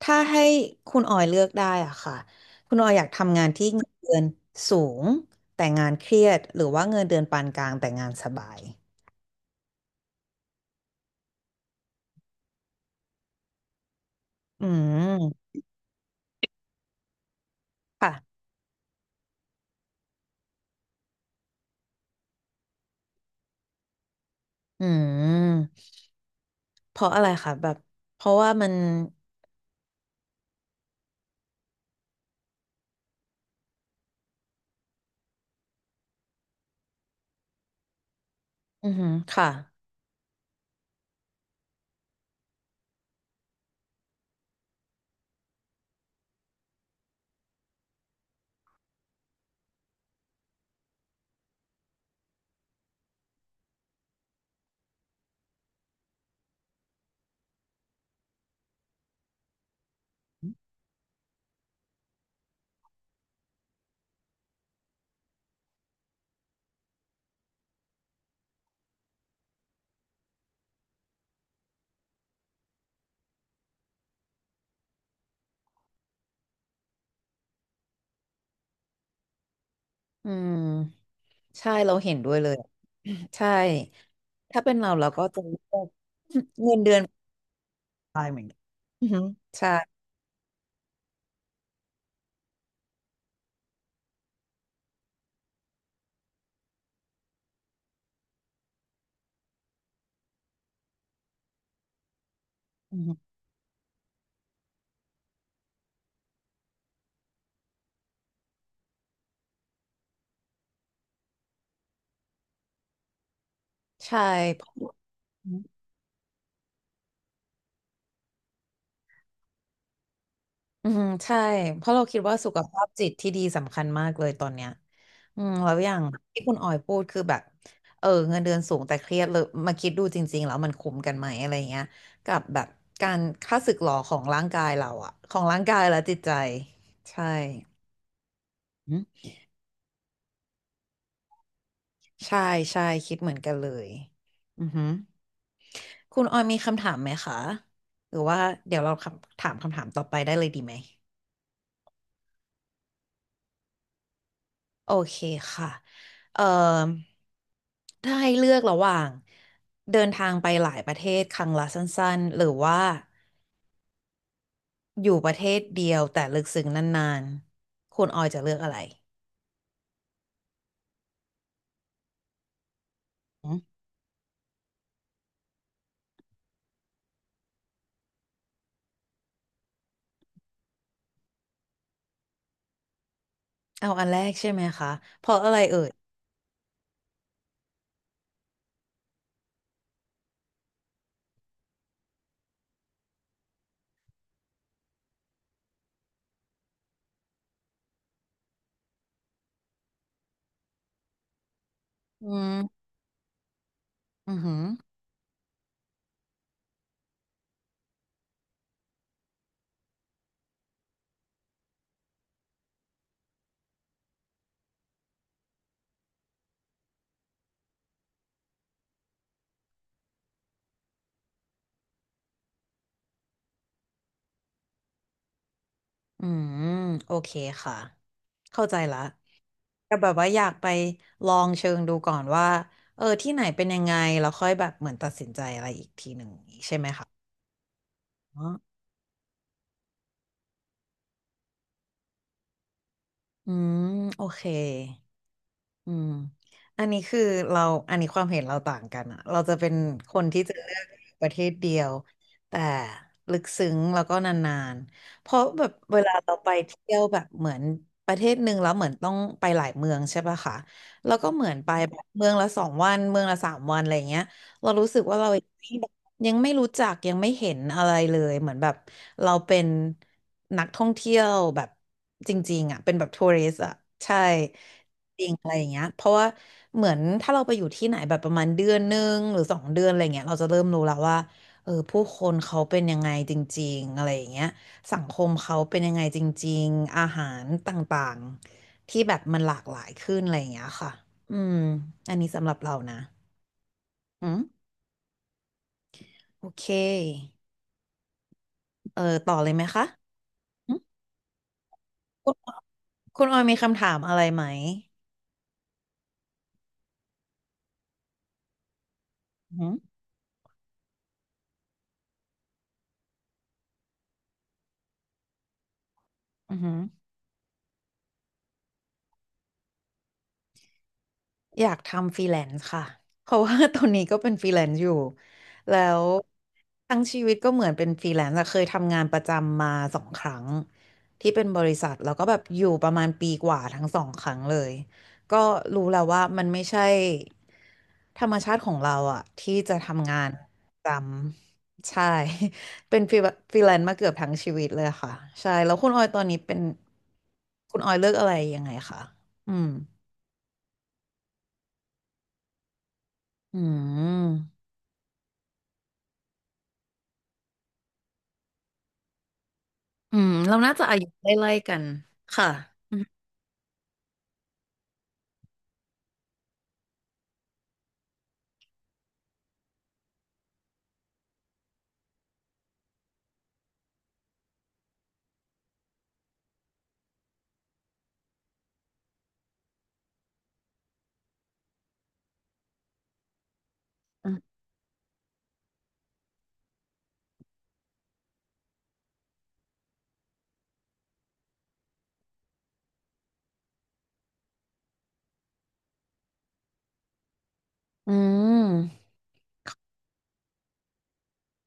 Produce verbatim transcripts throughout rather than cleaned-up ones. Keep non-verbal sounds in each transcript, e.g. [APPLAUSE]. ถ้าให้คุณออยเลือกได้อ่ะค่ะคุณออยอยากทำงานที่เงินเดือนสูงแต่งานเครียดหรือว่าเงินเดือนปานกลางแต่งานสบายอืมค่ะอืมเพราะอะไรคะแบบเพราะว่ามันอือหือค่ะอืมใช่เราเห็นด้วยเลยใช่ถ้าเป็นเราเราก็จะเลือกเงินเดือนปานกลางเหมือนกันอือหือใช่อือหือใช่เพราะ อืมใช่เพราะเราคิดว่าสุขภาพจิตที่ดีสำคัญมากเลยตอนเนี้ยอืมแล้วอย่างที่คุณออยพูดคือแบบเออเงินเดือนสูงแต่เครียดเลยมาคิดดูจริงๆแล้วมันคุ้มกันไหมอะไรเงี้ยกับแบบการค่าศึกหรอของร่างกายเราอะของร่างกายและจิตใจใช่อืมใช่ใช่คิดเหมือนกันเลยอือหือคุณออยมีคำถามไหมคะหรือว่าเดี๋ยวเราคำถามคำถามต่อไปได้เลยดีไหม โอเคค่ะเอ่อถ้าให้เลือกระหว่างเดินทางไปหลายประเทศครั้งละสั้นๆหรือว่าอยู่ประเทศเดียวแต่ลึกซึ้งนานๆคุณออยจะเลือกอะไรอืมเอาอันแรกใช่ไหมคะเพราะอะไรเอ่ยอืมอือหืออืมโอเคค่ะเข้าใจละแต่แบบว่าอยากไปลองเชิงดูก่อนว่าเออที่ไหนเป็นยังไงแล้วค่อยแบบเหมือนตัดสินใจอะไรอีกทีหนึ่งอย่างงี้ใช่ไหมคะ อืมโอเค อืม อันนี้คือเราอันนี้ความเห็นเราต่างกันอะเราจะเป็นคนที่จะเลือกประเทศเดียวแต่ลึกซึ้งแล้วก็นานๆเพราะแบบเวลาเราไปเที่ยวแบบเหมือนประเทศหนึ่งแล้วเหมือนต้องไปหลายเมืองใช่ปะคะแล้วก็เหมือนไปแบบเมืองละสองวันเมืองละสามวันอะไรเงี้ยเรารู้สึกว่าเรายังไม่แบบยังไม่รู้จักยังไม่เห็นอะไรเลยเหมือนแบบเราเป็นนักท่องเที่ยวแบบจริงๆอะเป็นแบบทัวริสอะใช่ จริงอะไรอย่างเงี้ยเพราะว่าเหมือนถ้าเราไปอยู่ที่ไหนแบบประมาณเดือนหนึ่งหรือสองเดือนอะไรเงี้ยเราจะเริ่มรู้แล้วว่าเออผู้คนเขาเป็นยังไงจริงๆอะไรอย่างเงี้ยสังคมเขาเป็นยังไงจริงๆอาหารต่างๆที่แบบมันหลากหลายขึ้นอะไรอย่างเงี้ยค่ะอืมอันนี้สำหรับเรานะอืมโอเคเออต่อเลยไหมคะอืมคุณคุณออยมีคำถามอะไรไหมอืมอหืม อยากทำฟรีแลนซ์ค่ะเพราะว่า [LAUGHS] ตอนนี้ก็เป็นฟรีแลนซ์อยู่แล้วทั้งชีวิตก็เหมือนเป็นฟรีแลนซ์อะเคยทำงานประจำมาสองครั้งที่เป็นบริษัทแล้วก็แบบอยู่ประมาณปีกว่าทั้งสองครั้งเลยก็รู้แล้วว่ามันไม่ใช่ธรรมชาติของเราอะที่จะทำงานประจำใช่ [LAUGHS] เป็นฟรีฟรีแลนซ์มาเกือบทั้งชีวิตเลยค่ะใช่แล้วคุณออยตอนนี้เป็นคุณออยเลือกอะไรยังไงคะอืมอืม อืมเราน่าจะอายุไล่ๆกันค่ะอืมอืมอืม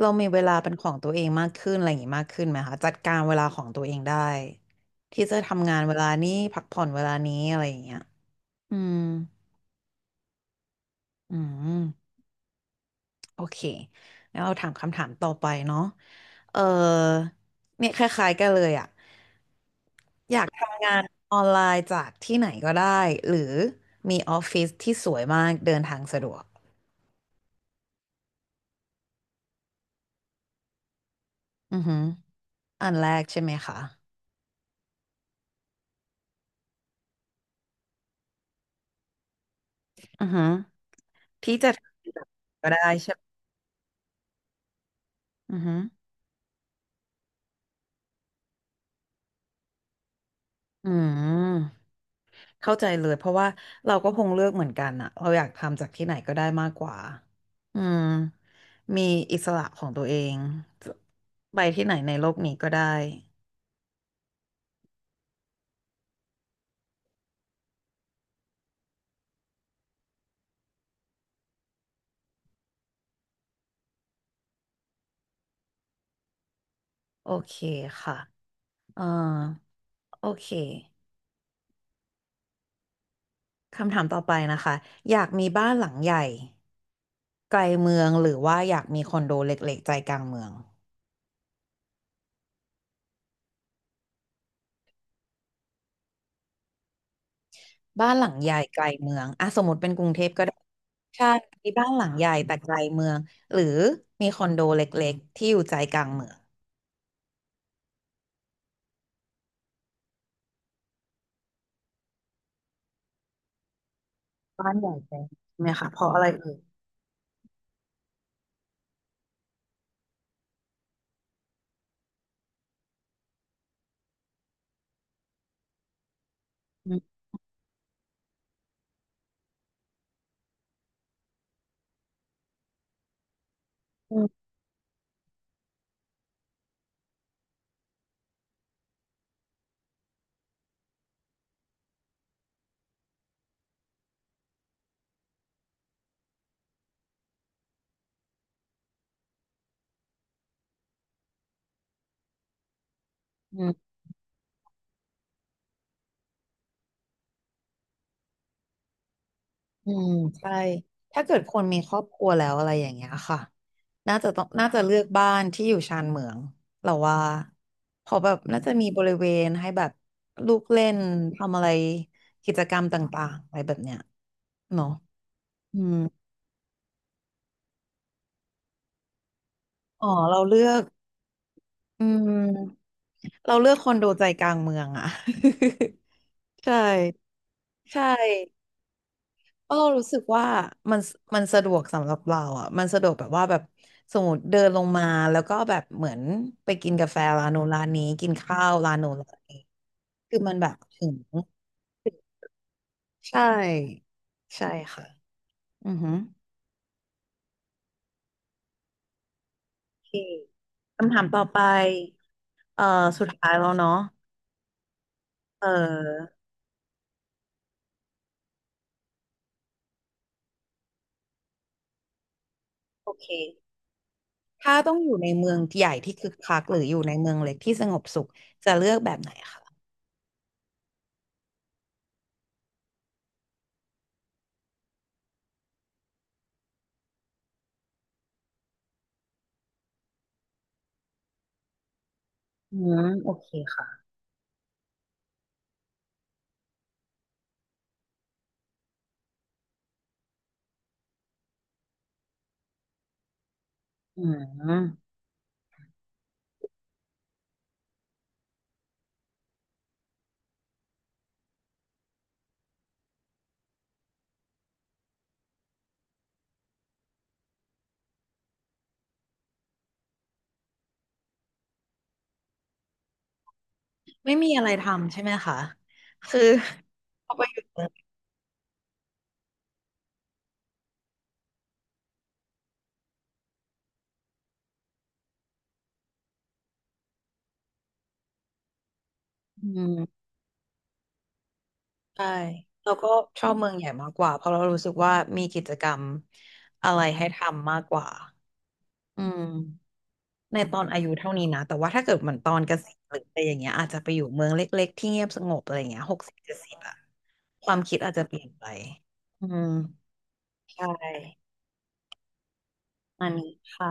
เรามีเวลาเป็นของตัวเองมากขึ้นอะไรอย่างงี้มากขึ้นไหมคะจัดการเวลาของตัวเองได้ที่จะทำงานเวลานี้พักผ่อนเวลานี้อะไรอย่างเงี้ยอืมอืมโอเคแล้วเราถามคำถามต่อไปเนาะเออเนี่ยคล้ายๆกันเลยอ่ะอยากทำงานออนไลน์จากที่ไหนก็ได้หรือมีออฟฟิศที่สวยมากเดินทางสะดวกอือฮึ อันแรกใช่ไหมคะอือฮึที่จะทำก็ได้ใช่ไหมอือฮึอืมเข้าใจเลยเพราะว่าเราก็คงเลือกเหมือนกันอะเราอยากทำจากที่ไหนก็ได้มากกว่าอืมมีอิสระของตัวเองไปที่ไหนในโลกนี้ก็ได้โอเคค่ะเอ่อโอเคคำถามต่อไปนะคะ อยากมีบ้านหลังใหญ่ไกลเมืองหรือว่าอยากมีคอนโดเล็กๆใจกลางเมืองบ้านหลังใหญ่ไกลเมืองอ่ะสมมติเป็นกรุงเทพก็ได้ ใช่มีบ้านหลังใหญ่แต่ไกลเมืองหรือมีคอนโดเล็กๆที่อยู่ใจกลางเมืองบ้านใหญ่ไปใช่ไหมคะเพราะอะไรเอ่ยอืมอืมอืมอืมใช่ถ้าเกิดคนมีครอบครัวแล้วอะไรอย่างเงี้ยค่ะน่าจะต้องน่าจะเลือกบ้านที่อยู่ชานเมืองเราว่าเพอแบบน่าจะมีบริเวณให้แบบลูกเล่นทำอะไรกิจกรรมต่างๆอะไรแบบเนี้ยเนาะอืมอ๋อเราเลือก อืมเราเลือกคอนโดใจกลางเมืองอ่ะ [LAUGHS] ใช่ใช่เพราะเรารู้สึกว่ามันมันสะดวกสำหรับเราอ่ะมันสะดวกแบบว่าแบบสมมติเดินลงมาแล้วก็แบบเหมือนไปกินกาแฟร้านโน้นร้านนี้กินข้าวร้านโน้นร้านนี้คือมันแบบถึงใช่ใช่ค่ะอือหือโอเคคำถามต่อไปเอ่อสุดท้ายแล้วเนาะเออโอเค ถ้าต้องอยู่ในเมืองใหญ่ที่คึกคักหรืออยู่ในเมืองเล็กที่สงบสุขจะเลือกแบบไหนคะอืมโอเคค่ะอืมไม่มีอะไรทำใช่ไหมคะคือพอไปอยู่เมืองอืมใช่เราก็ชอบเมืองใหญ่มากกว่าเพราะเรารู้สึกว่ามีกิจกรรมอะไรให้ทำมากกว่าอืมในตอนอายุเท่านี้นะแต่ว่าถ้าเกิดเหมือนตอนเกษียณหรืออะไรอย่างเงี้ยอาจจะไปอยู่เมืองเล็กๆที่เงียบสงบอะไรอย่างเงี้ยหกสิบเจ็ดสิบอะความคิดอาจจะเปลี่ยนไปอืม ใช่อันนี้ค่ะ